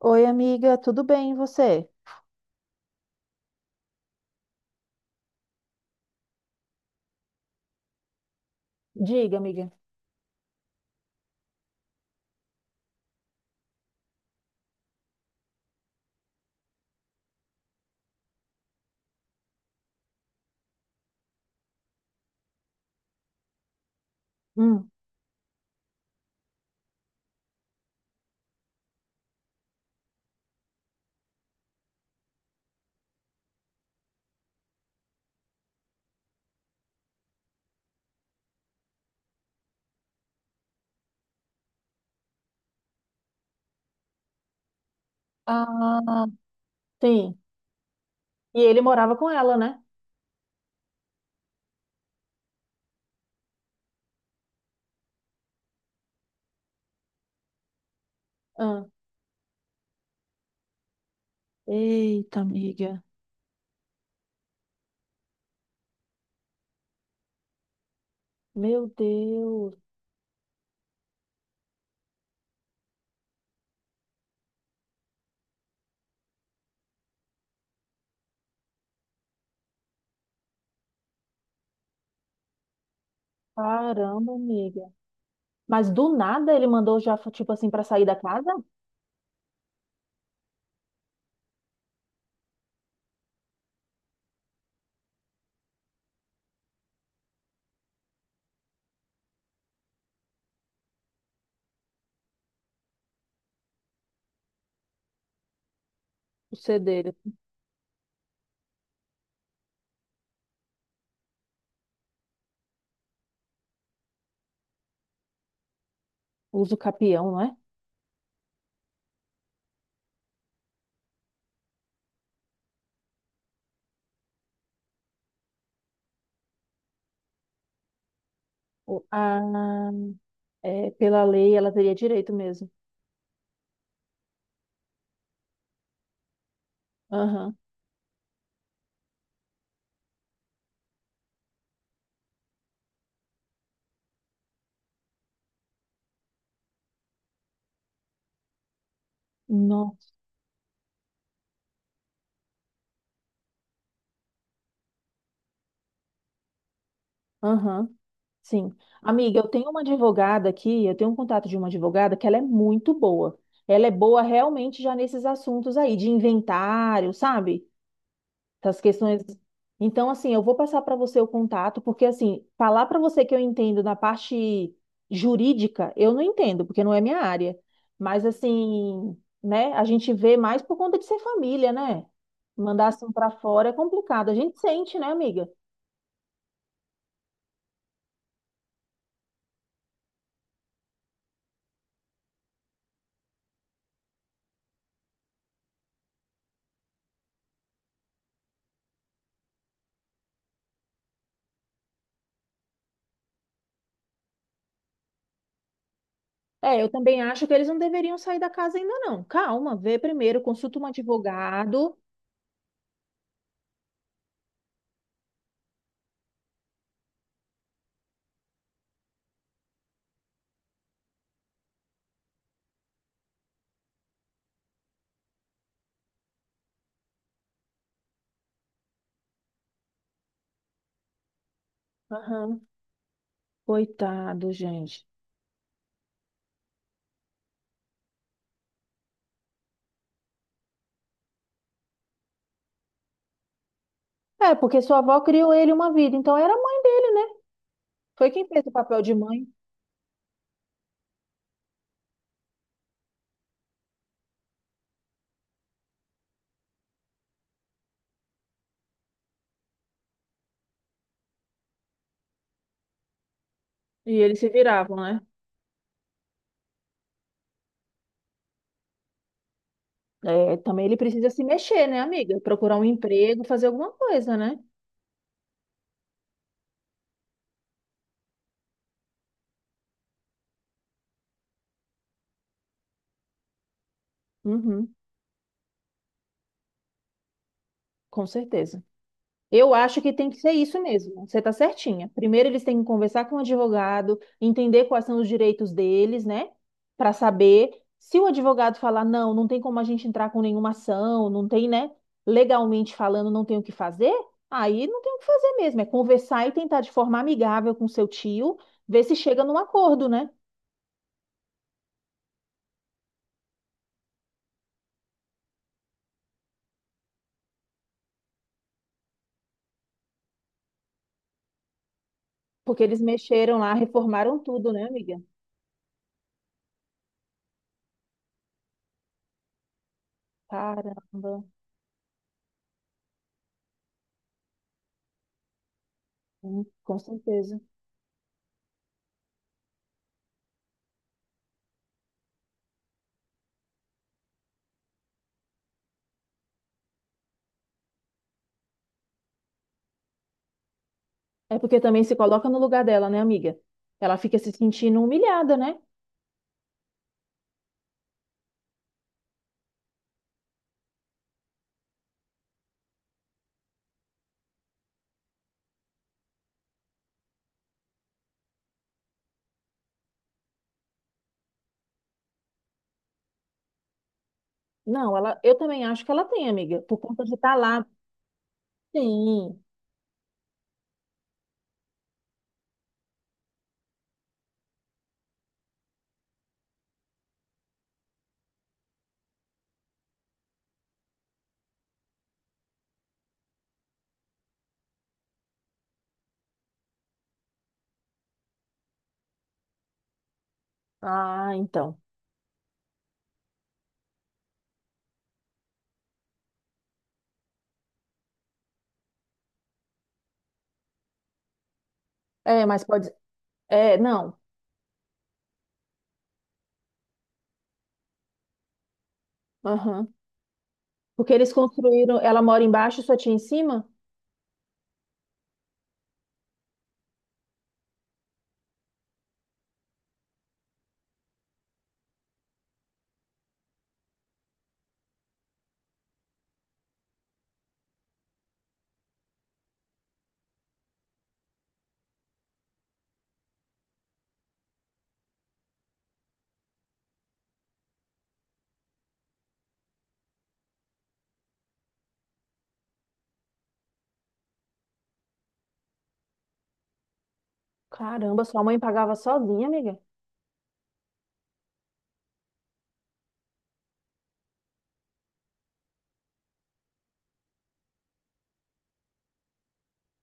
Oi, amiga, tudo bem, e você? Diga, amiga. Hum. Ah, sim. E ele morava com ela, né? Ah, eita, amiga. Meu Deus. Caramba, amiga. Mas do nada ele mandou já, tipo assim, pra sair da casa? O C dele, o capião, não é? Ah, é, pela lei ela teria direito mesmo. Aham. Nossa. Aham. Sim. Amiga, eu tenho uma advogada aqui, eu tenho um contato de uma advogada que ela é muito boa. Ela é boa realmente já nesses assuntos aí, de inventário, sabe? Das questões. Então, assim, eu vou passar para você o contato, porque, assim, falar para você que eu entendo na parte jurídica, eu não entendo, porque não é minha área. Mas, assim, né, a gente vê mais por conta de ser família, né? Mandar assim para fora é complicado. A gente sente, né, amiga? É, eu também acho que eles não deveriam sair da casa ainda não. Calma, vê primeiro, consulta um advogado. Aham. Coitado, gente. É, porque sua avó criou ele uma vida, então era a mãe dele, né? Foi quem fez o papel de mãe. E eles se viravam, né? É, também ele precisa se mexer, né, amiga? Procurar um emprego, fazer alguma coisa, né? Uhum, com certeza. Eu acho que tem que ser isso mesmo. Você está certinha. Primeiro, eles têm que conversar com o advogado, entender quais são os direitos deles, né? Para saber se o advogado falar, não, não tem como a gente entrar com nenhuma ação, não tem, né? Legalmente falando, não tem o que fazer, aí não tem o que fazer mesmo. É conversar e tentar de forma amigável com seu tio, ver se chega num acordo, né? Porque eles mexeram lá, reformaram tudo, né, amiga? Caramba. Hum, com certeza. É porque também se coloca no lugar dela, né, amiga? Ela fica se sentindo humilhada, né? Não, ela, eu também acho que ela tem, amiga, por conta de estar lá. Sim. Ah, então. É, mas pode. É, não. Aham. Porque eles construíram. Ela mora embaixo e sua tia em cima? Caramba, sua mãe pagava sozinha, amiga.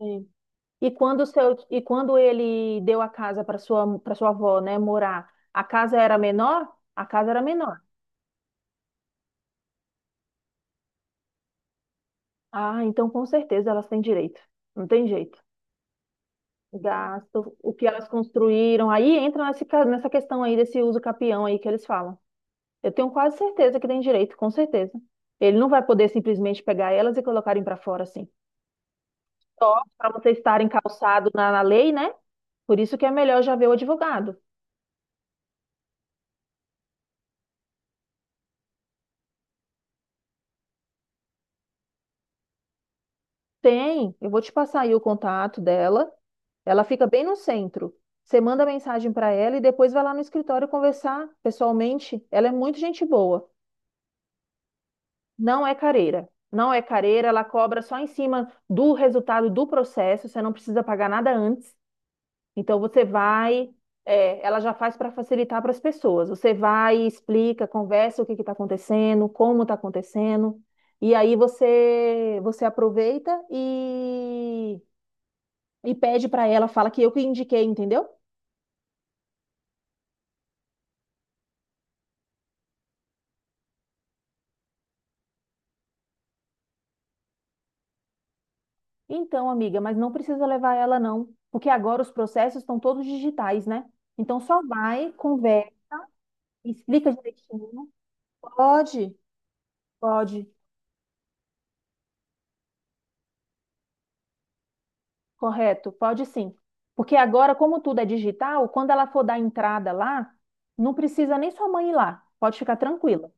Sim. E quando e quando ele deu a casa para para sua avó, né, morar, a casa era menor? A casa era menor. Ah, então com certeza elas têm direito. Não tem jeito. Gasto, o que elas construíram. Aí entra nesse ca- Nessa questão aí desse uso capião aí que eles falam. Eu tenho quase certeza que tem direito, com certeza. Ele não vai poder simplesmente pegar elas e colocarem para fora assim. Só para você estarem calçado na lei, né? Por isso que é melhor já ver o advogado. Tem, eu vou te passar aí o contato dela. Ela fica bem no centro. Você manda mensagem para ela e depois vai lá no escritório conversar pessoalmente. Ela é muito gente boa. Não é careira. Não é careira, ela cobra só em cima do resultado do processo, você não precisa pagar nada antes. Então você vai, ela já faz para facilitar para as pessoas. Você vai, explica, conversa o que está acontecendo, como está acontecendo, e aí você aproveita e pede para ela, fala que eu que indiquei, entendeu? Então, amiga, mas não precisa levar ela não, porque agora os processos estão todos digitais, né? Então só vai, conversa, explica direitinho. Pode, pode, correto, pode sim. Porque agora, como tudo é digital, quando ela for dar entrada lá, não precisa nem sua mãe ir lá. Pode ficar tranquila.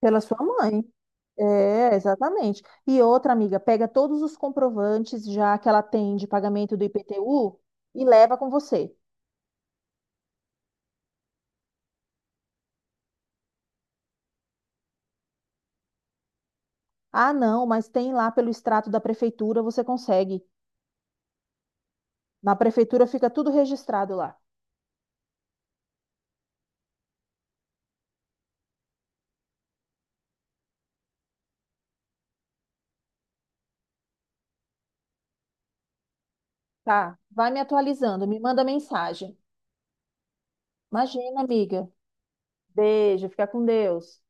Pela sua mãe. É, exatamente. E outra amiga, pega todos os comprovantes já que ela tem de pagamento do IPTU e leva com você. Ah, não, mas tem lá pelo extrato da prefeitura, você consegue. Na prefeitura fica tudo registrado lá. Tá, vai me atualizando, me manda mensagem. Imagina, amiga. Beijo, fica com Deus.